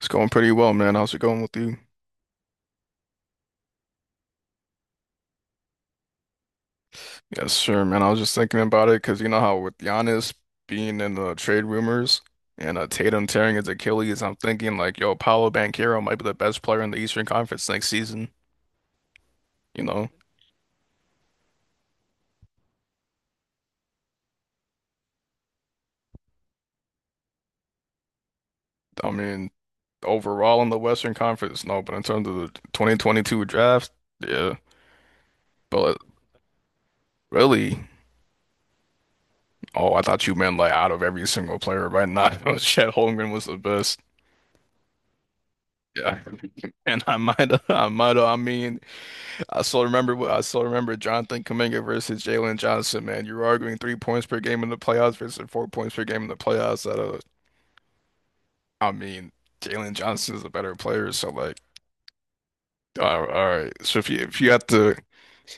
It's going pretty well, man. How's it going with you? Yes, sure, man. I was just thinking about it because you know how with Giannis being in the trade rumors and Tatum tearing his Achilles, I'm thinking like, yo, Paolo Banchero might be the best player in the Eastern Conference next season. You know, I mean, overall in the Western Conference, no, but in terms of the 2022 draft, yeah. But really, oh, I thought you meant like out of every single player, right? Not, Chet Holmgren was the best. Yeah, and I might, I mean. I still remember Jonathan Kuminga versus Jalen Johnson, man. You were arguing 3 points per game in the playoffs versus 4 points per game in the playoffs. That. I mean, Jalen Johnson is a better player, so like, all right. So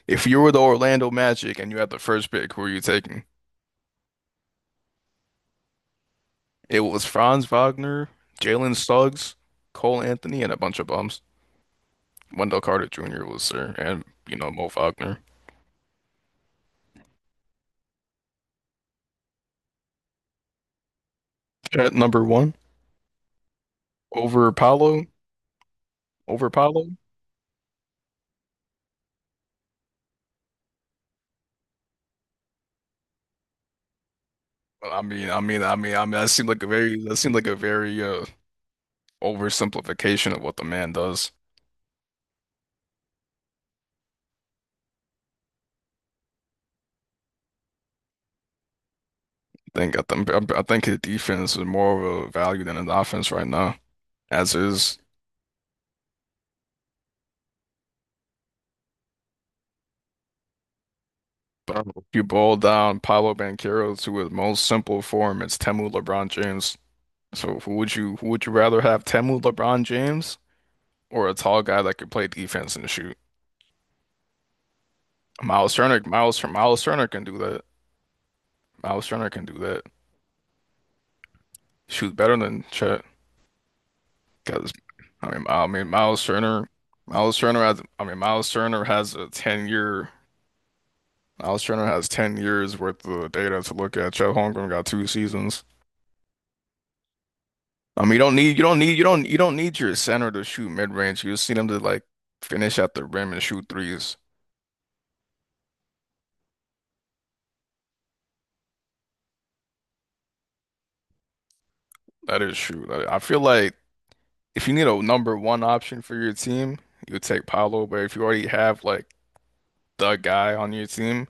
if you were the Orlando Magic and you had the first pick, who are you taking? It was Franz Wagner, Jalen Suggs, Cole Anthony, and a bunch of bums. Wendell Carter Jr. was there, and you know Mo Wagner. At number one, over Paolo, over Paolo. I mean, that seemed like a very, that seemed like a very oversimplification of what the man does. I think his defense is more of a value than his offense right now, as is. But if you boil down Paolo Banchero to his most simple form, it's Temu LeBron James. So who would you rather have, Temu LeBron James or a tall guy that could play defense and shoot? Miles Turner can do that. Miles Turner can do that. Shoot better than Chet. Because I mean, I mean, Miles Turner, I mean, Miles Turner has 10 years worth of data to look at. Chet Holmgren got 2 seasons. I mean, you don't need, you don't need, you don't need your center to shoot mid range. You just need him to like finish at the rim and shoot threes. That is true. I feel like if you need a number one option for your team, you would take Paolo. But if you already have like the guy on your team,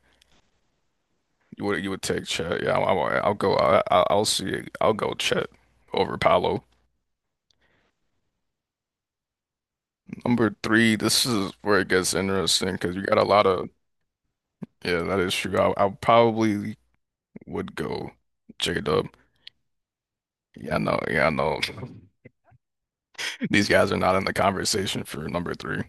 you would take Chet? Yeah, I'll go. I'll see. I'll go Chet over Paolo. Number three. This is where it gets interesting because you got a lot of— yeah. That is true. I probably would go J Dub. Yeah, I know. Yeah, I know. These guys are not in the conversation for number three.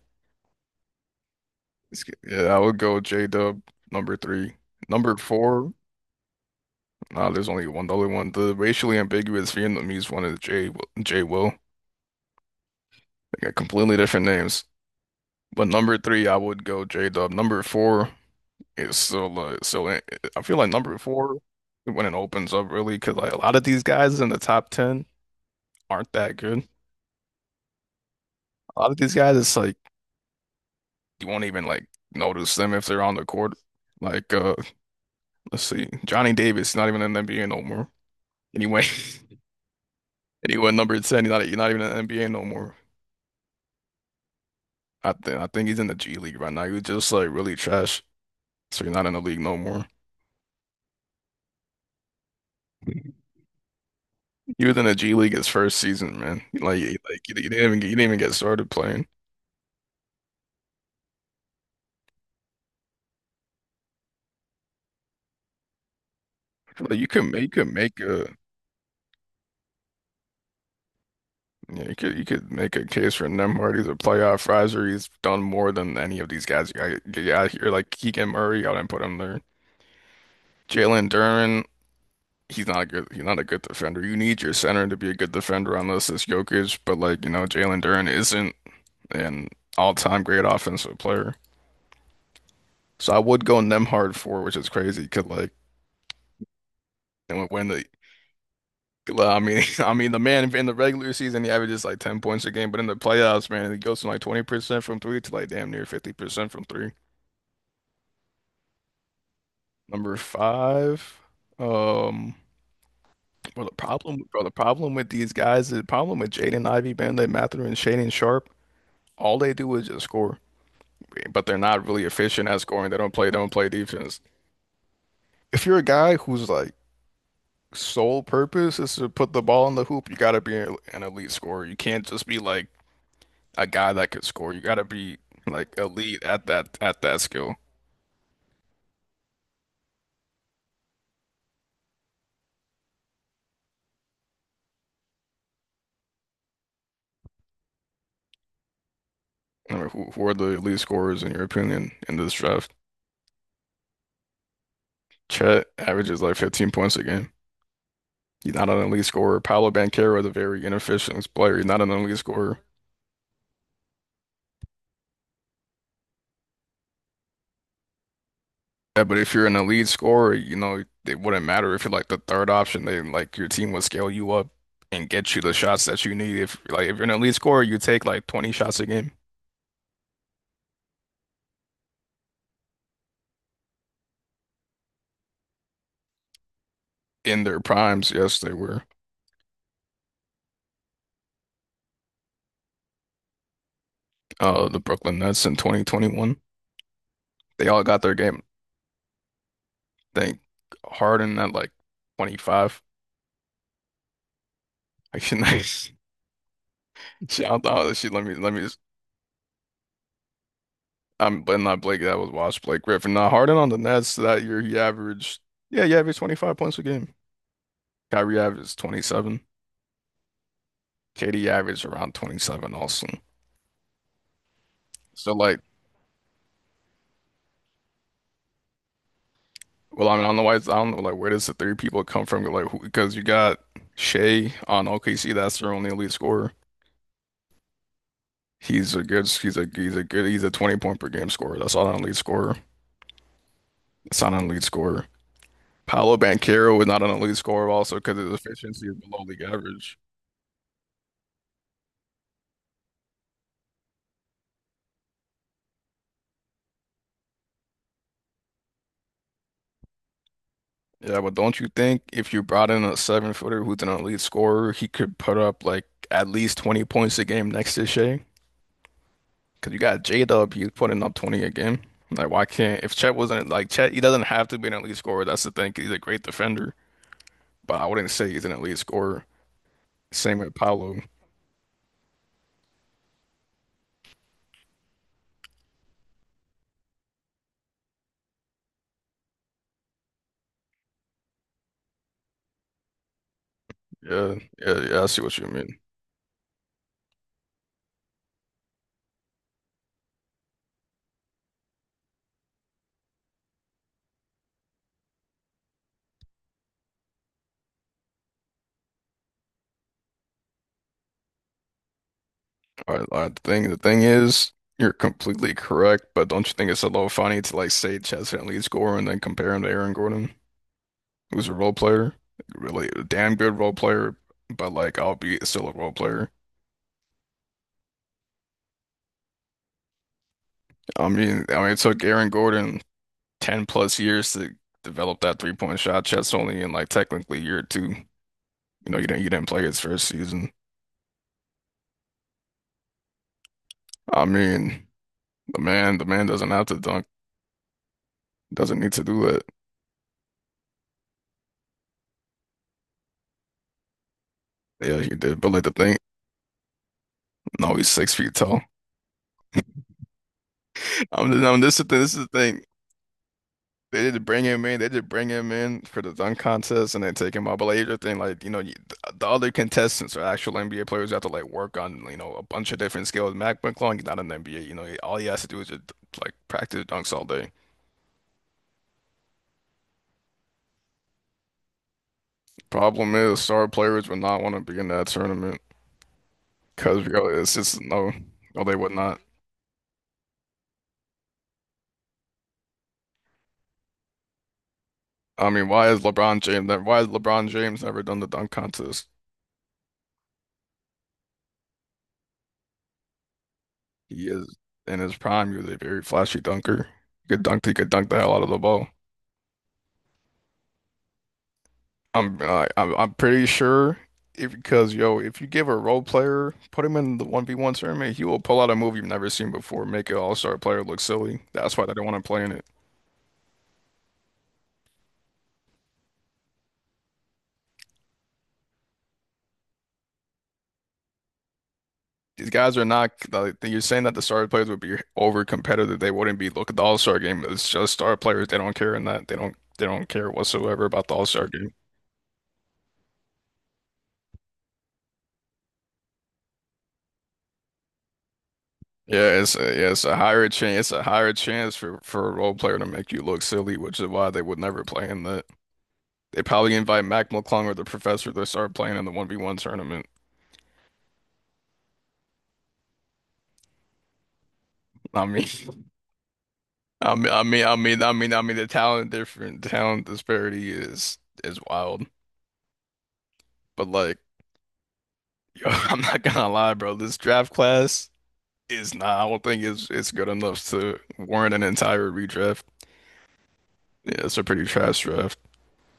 Yeah, I would go J Dub number three. Number four. No, there's only one. The only one. The racially ambiguous Vietnamese one is J Will. They got completely different names. But number three, I would go J Dub. Number four is still so I feel like number four when it opens up really because like a lot of these guys in the top 10 aren't that good. A lot of these guys, it's like you won't even like notice them if they're on the court. Like let's see, Johnny Davis not even in the NBA no more. Anyway, number 10, he's not even in the NBA no more. I think he's in the G League right now. He was just like really trash, so he's not in the league no more. You was in the G League his first season, man. Like, like you didn't even get started playing. Like, you could make a yeah, you could make a case for Nemhard. He's a playoff riser. He's done more than any of these guys. You got you out here like Keegan Murray. I didn't put him there. Jalen Duren. He's not a good defender. You need your center to be a good defender unless it's Jokic. But like you know, Jalen Duren isn't an all-time great offensive player. So I would go Nemhard for, which is crazy. Cause like. And when the Well, I mean, I mean, the man in the regular season he averages like 10 points a game, but in the playoffs, man, he goes from like 20% from three to like damn near 50% from three. Number five, um, well, the problem, bro, the problem with these guys, the problem with Jaden Ivey, Bamba Mathers, and Shaedon Sharp, all they do is just score, but they're not really efficient at scoring. They don't play defense. If you're a guy whose like sole purpose is to put the ball in the hoop, you gotta be an elite scorer. You can't just be like a guy that could score. You got to be like elite at that skill. I mean, who are the elite scorers in your opinion in this draft? Chet averages like 15 points a game. He's not an elite scorer. Paolo Banchero is a very inefficient player. He's not an elite scorer. Yeah, but if you're an elite scorer, it wouldn't matter if you're like the third option. They like your team would scale you up and get you the shots that you need. If like if you're an elite scorer, you take like 20 shots a game. In their primes, yes, they were the Brooklyn Nets in 2021. They all got their game, think Harden at like 25. Like, she, nice. She, I thought that she, let me. Just, I'm, but not Blake. That was watch Blake Griffin. Now Harden on the Nets that year he averaged, yeah, he averaged 25 points a game. Kyrie averaged 27. KD averaged around 27 also. So like, well, I mean, I don't know like where does the three people come from, like who, because you got Shea on OKC, that's their only elite scorer. He's a good he's a good He's a 20 point per game scorer. That's not an elite scorer. It's not an elite scorer. Paolo Banchero was not an elite scorer also because his efficiency is below league average. Yeah, but don't you think if you brought in a 7-footer who's an elite scorer, he could put up like at least 20 points a game next to Shea? Because you got J-Dub, he's putting up 20 a game. Like, why can't, if Chet wasn't like Chet, he doesn't have to be an elite scorer. That's the thing. 'Cause he's a great defender, but I wouldn't say he's an elite scorer. Same with Paolo. Yeah, yeah, yeah, I see what you mean. I think the thing is, you're completely correct, but don't you think it's a little funny to like say Chaz Henley score and then compare him to Aaron Gordon, who's a role player, really a damn good role player, but, like, albeit still a role player. It took Aaron Gordon 10 plus years to develop that 3-point shot. Chaz only in like technically year two. You know, you didn't play his first season. I mean, the man doesn't have to dunk, doesn't need to do that. Yeah, he did, but, like, the thing, no, he's 6 feet tall. I'm this is the thing. They didn't bring him in. They just bring him in for the dunk contest, and they take him out. But, like, you're like you know, you, the other contestants are actual NBA players who have to like work on a bunch of different skills. Mac McClung, he's not an NBA. You know, all he has to do is just like practice dunks all day. Problem is, star players would not want to be in that tournament because it's just, no, no, they would not. I mean, why is LeBron James? Why has LeBron James never done the dunk contest? He is in his prime. He was a very flashy dunker. He could dunk. He could dunk the hell out of the ball. I'm pretty sure if because yo, if you give a role player, put him in the 1v1 tournament, he will pull out a move you've never seen before, make an all-star player look silly. That's why they don't want to play in it. These guys are not, like, you're saying that the star players would be over competitive. They wouldn't be. Look at the all-star game. It's just star players. They don't care in that. They don't care whatsoever about the all-star game. Yeah, it's a higher chance. It's a higher chance for a role player to make you look silly, which is why they would never play in that. They probably invite Mac McClung or the professor to start playing in the 1v1 tournament. I mean, I mean, I mean, I mean, I mean, I mean, the talent different talent disparity is wild. But, like, yo, I'm not gonna lie, bro. This draft class is not— I don't think it's good enough to warrant an entire redraft. Yeah, it's a pretty trash draft.